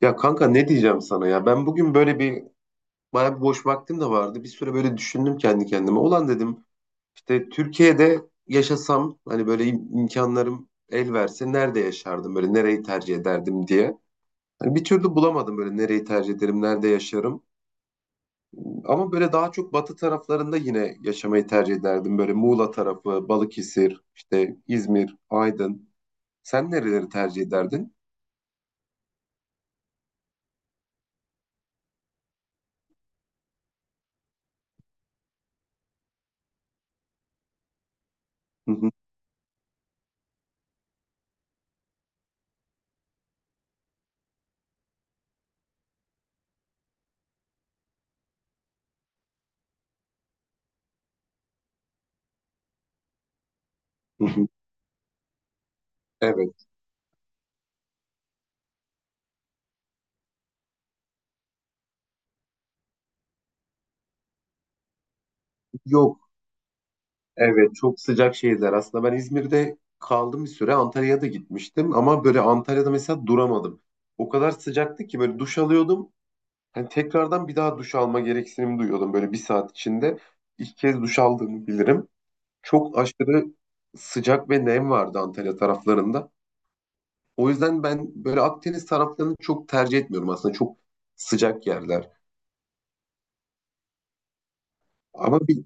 Ya kanka ne diyeceğim sana ya? Ben bugün böyle bayağı bir boş vaktim de vardı. Bir süre böyle düşündüm kendi kendime. Ulan dedim işte Türkiye'de yaşasam hani böyle imkanlarım el verse nerede yaşardım, böyle nereyi tercih ederdim diye. Hani bir türlü bulamadım böyle nereyi tercih ederim, nerede yaşarım. Ama böyle daha çok batı taraflarında yine yaşamayı tercih ederdim. Böyle Muğla tarafı, Balıkesir, işte İzmir, Aydın. Sen nereleri tercih ederdin? Hı hı, hı hı. Evet. Yok. Evet, çok sıcak şehirler. Aslında ben İzmir'de kaldım bir süre. Antalya'ya da gitmiştim ama böyle Antalya'da mesela duramadım. O kadar sıcaktı ki böyle duş alıyordum. Hani tekrardan bir daha duş alma gereksinimi duyuyordum böyle bir saat içinde. İlk kez duş aldığımı bilirim. Çok aşırı sıcak ve nem vardı Antalya taraflarında. O yüzden ben böyle Akdeniz taraflarını çok tercih etmiyorum aslında. Çok sıcak yerler. Ama bir.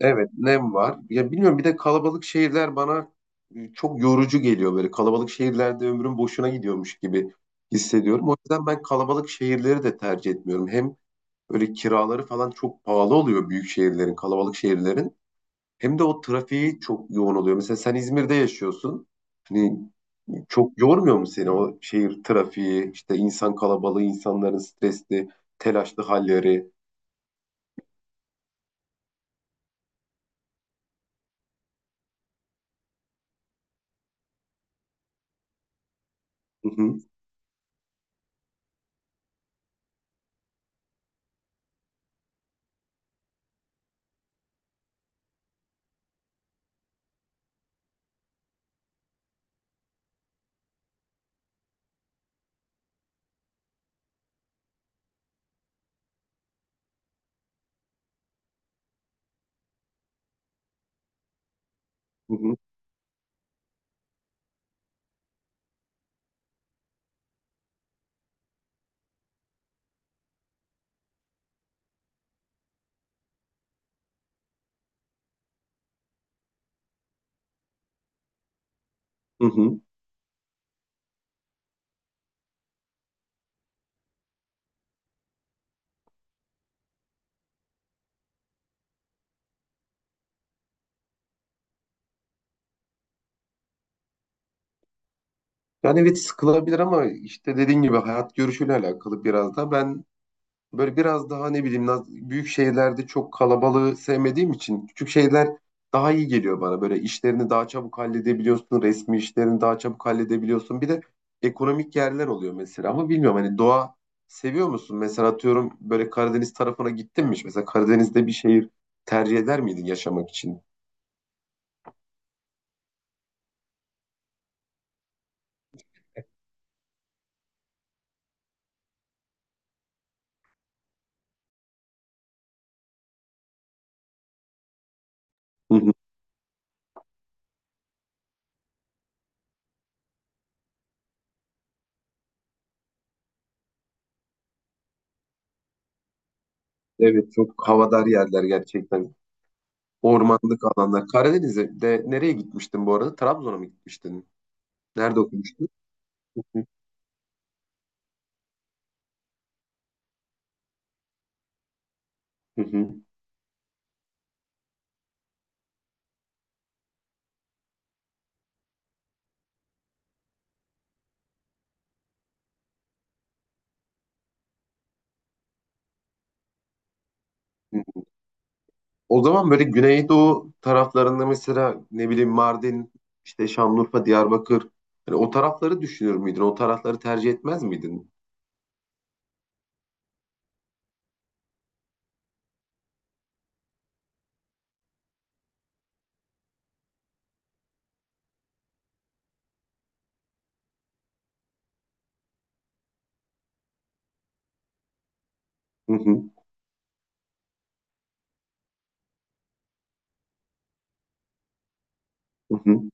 Evet, nem var. Ya bilmiyorum, bir de kalabalık şehirler bana çok yorucu geliyor böyle. Kalabalık şehirlerde ömrüm boşuna gidiyormuş gibi hissediyorum. O yüzden ben kalabalık şehirleri de tercih etmiyorum. Hem böyle kiraları falan çok pahalı oluyor büyük şehirlerin, kalabalık şehirlerin. Hem de o trafiği çok yoğun oluyor. Mesela sen İzmir'de yaşıyorsun. Hani çok yormuyor mu seni o şehir trafiği, işte insan kalabalığı, insanların stresli, telaşlı halleri? Hı hı, hı hı, hı hı. Yani evet, sıkılabilir ama işte dediğin gibi hayat görüşüyle alakalı biraz da. Ben böyle biraz daha ne bileyim büyük şehirlerde çok kalabalığı sevmediğim için küçük şeyler daha iyi geliyor bana. Böyle işlerini daha çabuk halledebiliyorsun, resmi işlerini daha çabuk halledebiliyorsun. Bir de ekonomik yerler oluyor mesela. Ama bilmiyorum, hani doğa seviyor musun? Mesela atıyorum böyle Karadeniz tarafına gittin mi hiç? Mesela Karadeniz'de bir şehir tercih eder miydin yaşamak için? Hı hı. Evet, çok havadar yerler gerçekten. Ormanlık alanlar. Karadeniz'e de nereye gitmiştin bu arada? Trabzon'a mı gitmiştin? Nerede okumuştun? Hı hı. Hı. O zaman böyle Güneydoğu taraflarında mesela ne bileyim Mardin, işte Şanlıurfa, Diyarbakır. Hani o tarafları düşünür müydün? O tarafları tercih etmez miydin? Hı hı. Hı hı.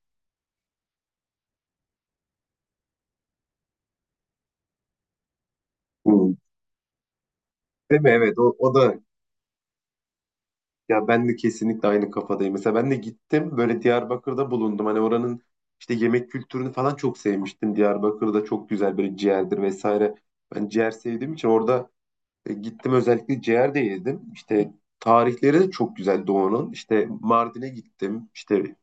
Hı. Değil mi? Evet. O, o da. Ya ben de kesinlikle aynı kafadayım. Mesela ben de gittim, böyle Diyarbakır'da bulundum. Hani oranın işte yemek kültürünü falan çok sevmiştim. Diyarbakır'da çok güzel böyle ciğerdir vesaire. Ben ciğer sevdiğim için orada gittim özellikle, ciğer de yedim. İşte tarihleri de çok güzel Doğu'nun. İşte Mardin'e gittim. İşte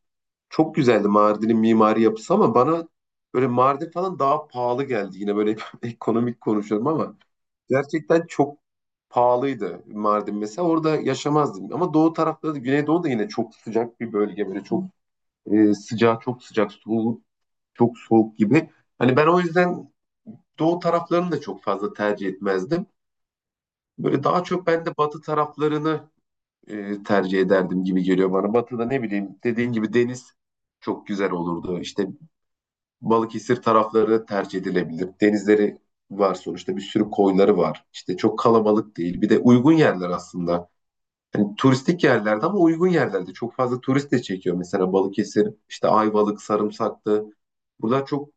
çok güzeldi Mardin'in mimari yapısı ama bana böyle Mardin falan daha pahalı geldi. Yine böyle ekonomik konuşuyorum ama gerçekten çok pahalıydı Mardin mesela. Orada yaşamazdım. Ama doğu tarafları da, Güneydoğu da yine çok sıcak bir bölge. Böyle çok sıcağı çok sıcak, soğuk çok soğuk gibi. Hani ben o yüzden doğu taraflarını da çok fazla tercih etmezdim. Böyle daha çok ben de batı taraflarını tercih ederdim gibi geliyor bana. Batı'da ne bileyim, dediğin gibi deniz çok güzel olurdu. İşte Balıkesir tarafları tercih edilebilir. Denizleri var sonuçta, bir sürü koyları var. İşte çok kalabalık değil. Bir de uygun yerler aslında. Yani turistik yerlerde ama uygun yerlerde. Çok fazla turist de çekiyor. Mesela Balıkesir, işte Ayvalık, Sarımsaklı. Buralar çok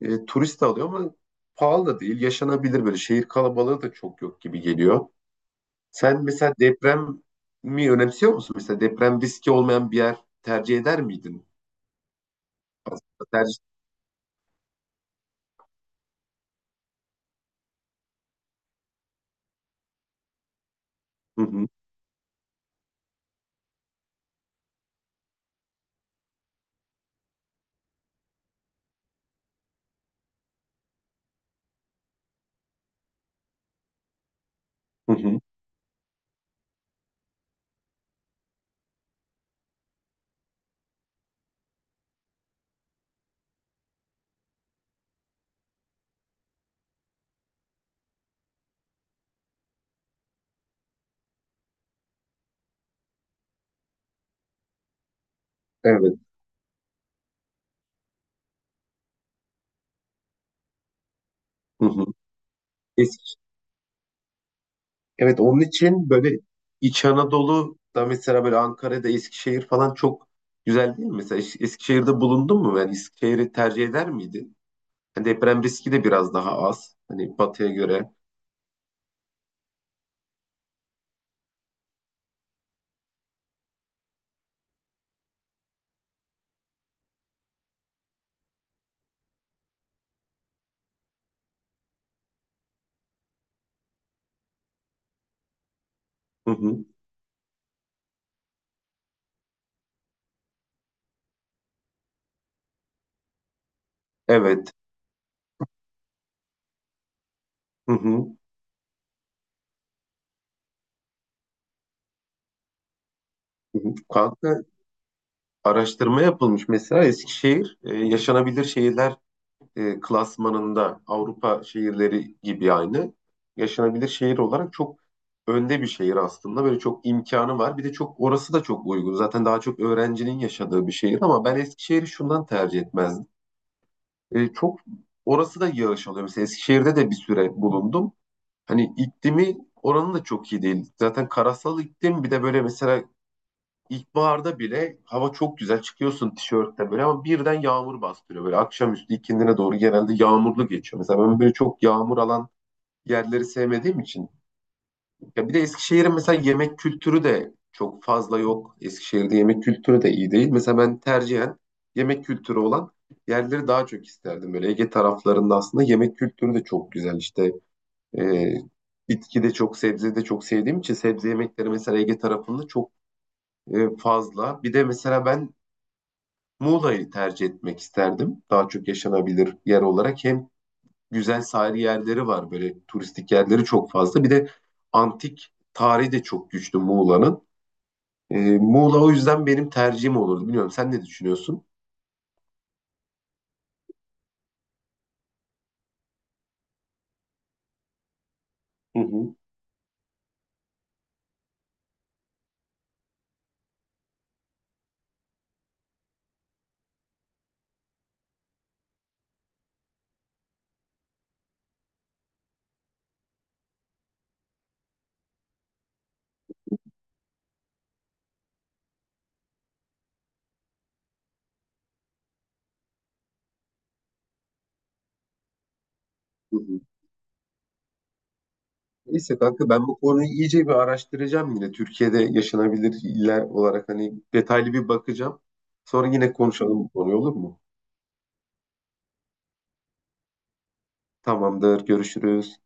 turist de alıyor ama pahalı da değil. Yaşanabilir böyle. Şehir kalabalığı da çok yok gibi geliyor. Sen mesela deprem mi önemsiyor musun? Mesela deprem riski olmayan bir yer tercih eder miydin? Aslında tercih... Hı hı, hı hı. Evet. Hı hı. Evet, onun için böyle İç Anadolu'da mesela böyle Ankara'da, Eskişehir falan çok güzel değil mi? Mesela Eskişehir'de bulundun mu? Yani Eskişehir'i tercih eder miydin? Hani deprem riski de biraz daha az, hani batıya göre. Hı hı. Evet. Hı hı. Hı hı. Kanka araştırma yapılmış mesela. Eskişehir yaşanabilir şehirler klasmanında Avrupa şehirleri gibi, aynı yaşanabilir şehir olarak çok önde bir şehir aslında. Böyle çok imkanı var. Bir de çok orası da çok uygun. Zaten daha çok öğrencinin yaşadığı bir şehir. Ama ben Eskişehir'i şundan tercih etmezdim. E, çok orası da yağış alıyor. Mesela Eskişehir'de de bir süre bulundum. Hani iklimi oranın da çok iyi değil. Zaten karasal iklim. Bir de böyle mesela İlkbaharda bile hava çok güzel, çıkıyorsun tişörtte böyle ama birden yağmur bastırıyor. Böyle akşamüstü, ikindine doğru genelde yağmurlu geçiyor. Mesela ben böyle çok yağmur alan yerleri sevmediğim için. Ya bir de Eskişehir'in mesela yemek kültürü de çok fazla yok. Eskişehir'de yemek kültürü de iyi değil. Mesela ben tercihen yemek kültürü olan yerleri daha çok isterdim. Böyle Ege taraflarında aslında yemek kültürü de çok güzel. İşte e, bitki de çok, sebze de çok sevdiğim için sebze yemekleri mesela Ege tarafında çok fazla. Bir de mesela ben Muğla'yı tercih etmek isterdim. Daha çok yaşanabilir yer olarak. Hem güzel sahil yerleri var, böyle turistik yerleri çok fazla. Bir de antik tarihi de çok güçlü Muğla'nın. Muğla o yüzden benim tercihim olurdu. Bilmiyorum, sen ne düşünüyorsun? Hı hı. Hı hı. Neyse kanka, ben bu konuyu iyice bir araştıracağım yine. Türkiye'de yaşanabilir iller olarak hani detaylı bir bakacağım. Sonra yine konuşalım bu konuyu, olur mu? Tamamdır, görüşürüz.